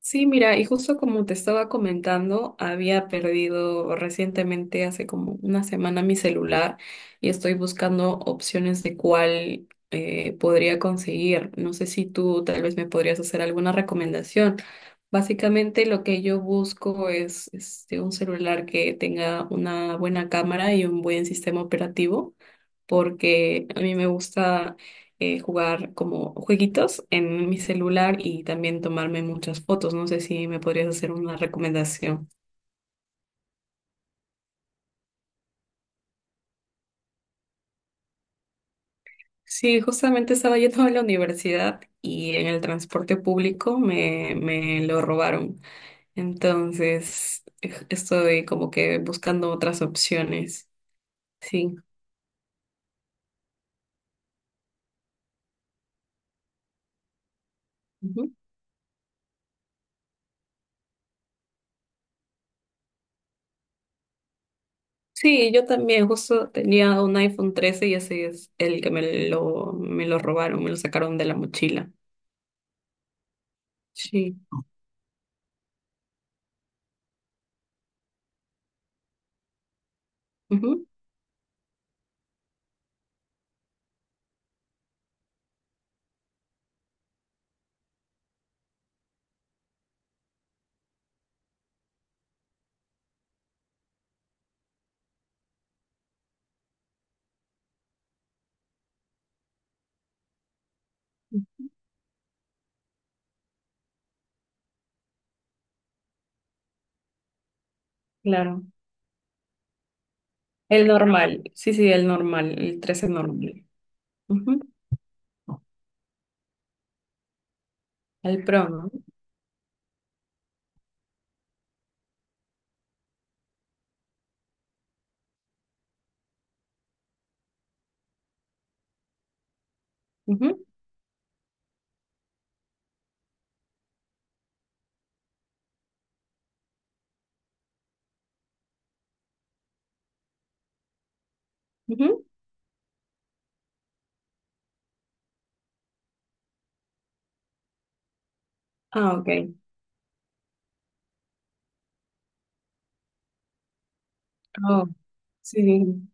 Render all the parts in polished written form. Sí, mira, y justo como te estaba comentando, había perdido recientemente, hace como una semana, mi celular y estoy buscando opciones de cuál podría conseguir. No sé si tú tal vez me podrías hacer alguna recomendación. Básicamente lo que yo busco es este, un celular que tenga una buena cámara y un buen sistema operativo, porque a mí me gusta jugar como jueguitos en mi celular y también tomarme muchas fotos. No sé si me podrías hacer una recomendación. Sí, justamente estaba yendo a la universidad y en el transporte público me lo robaron. Entonces estoy como que buscando otras opciones. Sí. Sí, yo también justo tenía un iPhone 13 y ese es el que me lo robaron, me lo sacaron de la mochila. Sí, ujú, claro. El normal, sí, sí, el normal, el 13 normal. Ujú. El Pro, ¿no? Ujú, ujú. Ah, ok. Oh, sí,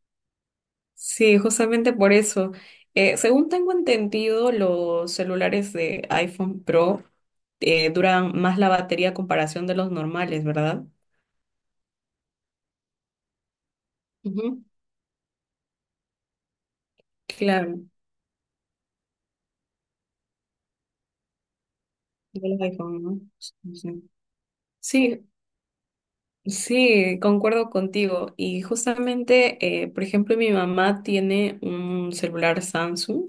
sí, justamente por eso. Según tengo entendido, los celulares de iPhone Pro duran más la batería a comparación de los normales, ¿verdad? Ujú, claro. De los iPhone, ¿no? Sí, sí. Sí, sí, concuerdo contigo. Y justamente, por ejemplo, mi mamá tiene un celular Samsung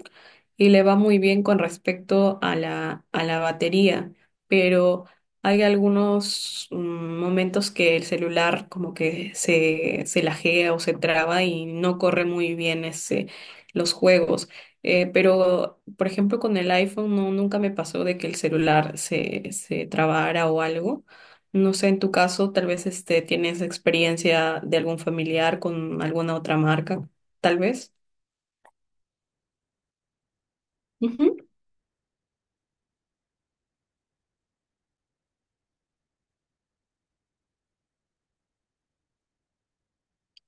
y le va muy bien con respecto a la batería, pero hay algunos momentos que el celular como que se lajea o se traba y no corre muy bien ese, los juegos. Pero, por ejemplo, con el iPhone no, nunca me pasó de que el celular se trabara o algo. No sé, en tu caso, tal vez este, tienes experiencia de algún familiar con alguna otra marca, tal vez. Ujú,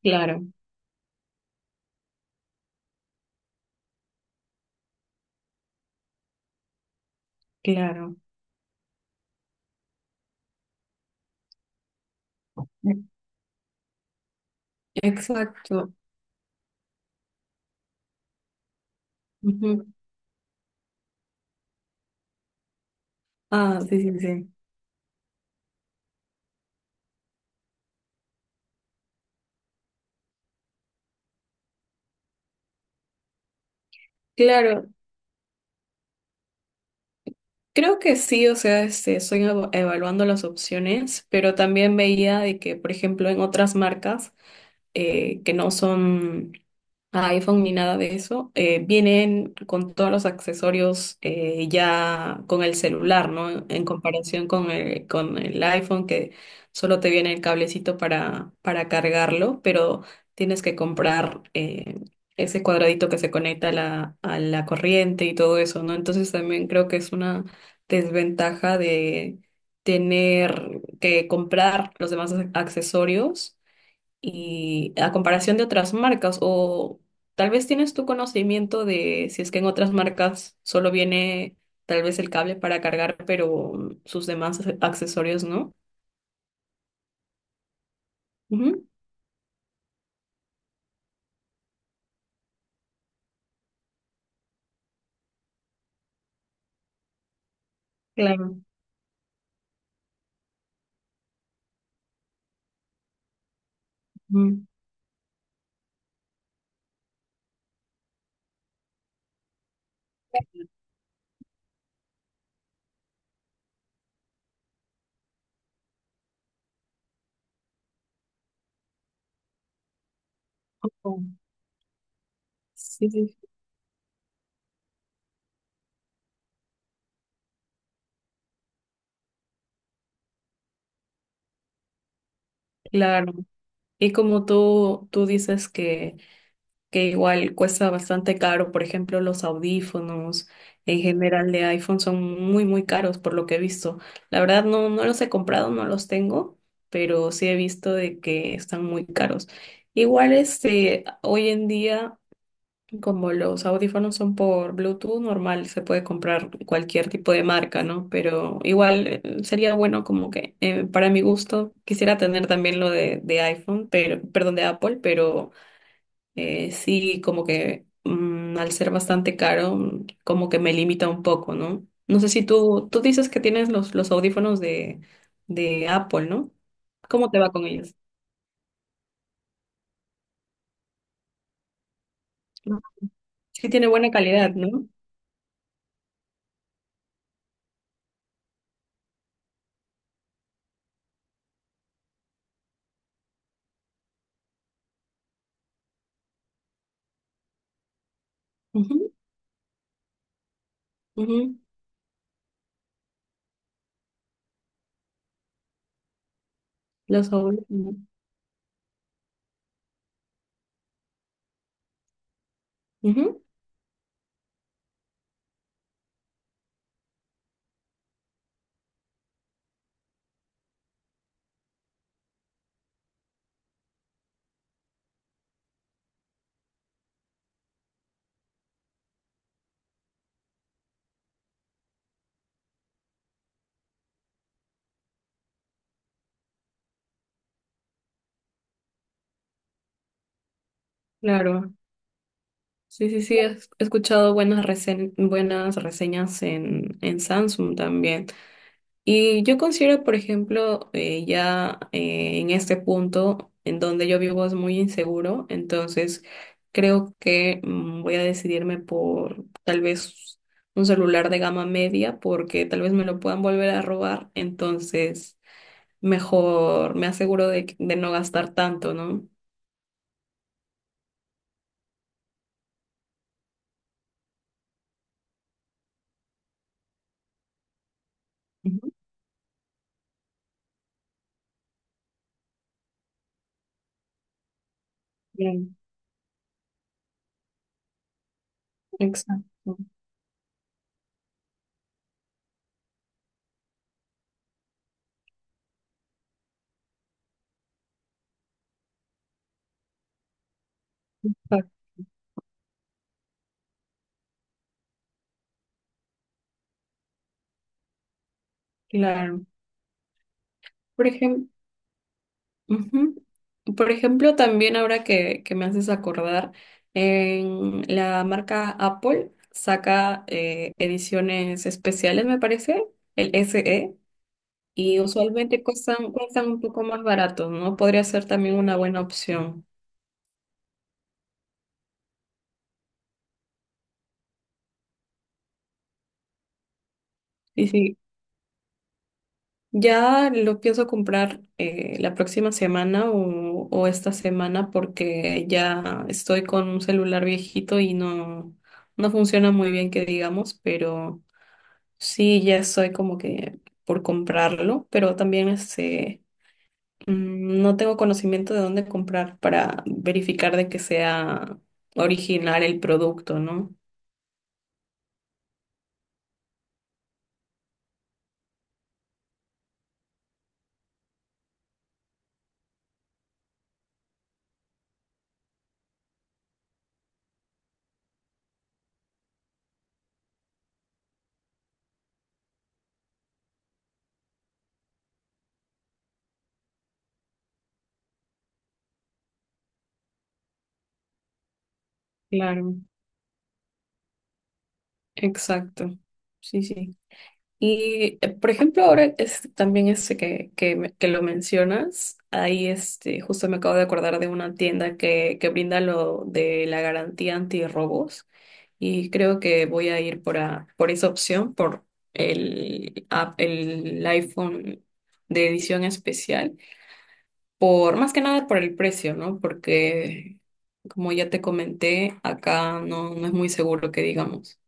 claro, claro. Exacto. Ujú. Ah, sí, sí, sí. Claro, creo que sí, o sea, este, estoy evaluando las opciones, pero también veía de que, por ejemplo, en otras marcas que no son a iPhone ni nada de eso, vienen con todos los accesorios ya con el celular, ¿no? En comparación con el iPhone que solo te viene el cablecito para cargarlo, pero tienes que comprar ese cuadradito que se conecta a la corriente y todo eso, ¿no? Entonces también creo que es una desventaja de tener que comprar los demás accesorios y a comparación de otras marcas o tal vez tienes tu conocimiento de si es que en otras marcas solo viene tal vez el cable para cargar, pero sus demás accesorios no. Ujú, claro. Ujú. Sí, sí, claro. Y como tú dices que igual cuesta bastante caro. Por ejemplo, los audífonos en general de iPhone son muy, muy caros por lo que he visto. La verdad no, no los he comprado, no los tengo, pero sí he visto de que están muy caros. Igual este, hoy en día, como los audífonos son por Bluetooth normal, se puede comprar cualquier tipo de marca, ¿no? Pero igual sería bueno como que para mi gusto quisiera tener también lo de iPhone, pero, perdón, de Apple, pero sí, como que al ser bastante caro, como que me limita un poco, ¿no? No sé si tú dices que tienes los audífonos de Apple, ¿no? ¿Cómo te va con ellos? No. Sí tiene buena calidad, no. Ujú, ujú. Los audífonos. ¿No? Ujú, claro. Sí, sí, sí, he escuchado buenas, buenas reseñas en Samsung también. Y yo considero, por ejemplo, ya en este punto en donde yo vivo es muy inseguro, entonces creo que voy a decidirme por tal vez un celular de gama media porque tal vez me lo puedan volver a robar, entonces mejor me aseguro de, de no gastar tanto, ¿no? Ujú, bien, exacto. Ah, claro. Por ejemplo, ujú. Por ejemplo, también ahora que me haces acordar, en la marca Apple saca ediciones especiales, me parece, el SE, y usualmente cuestan, cuestan un poco más baratos, ¿no? Podría ser también una buena opción. Y sí, ya lo pienso comprar la próxima semana o esta semana porque ya estoy con un celular viejito y no, no funciona muy bien, que digamos, pero... Sí, ya estoy como que por comprarlo, pero también este, no tengo conocimiento de dónde comprar para verificar de que sea original el producto, ¿no? Claro, exacto. Sí, sí. Y, por ejemplo, ahora es también este que, que lo mencionas, ahí este, justo me acabo de acordar de una tienda que brinda lo de la garantía antirrobos. Y creo que voy a ir por, por esa opción, por el, el iPhone de edición especial, por más que nada por el precio, ¿no? Porque, como ya te comenté, acá no, no es muy seguro que digamos.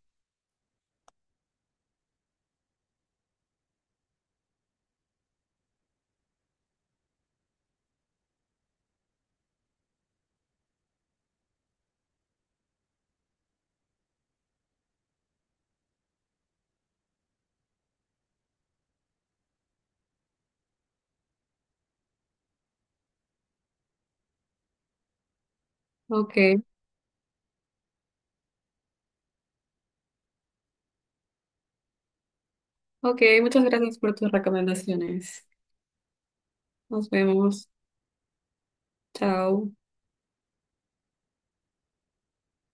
Ok, ok, muchas gracias por tus recomendaciones. Nos vemos. Chao.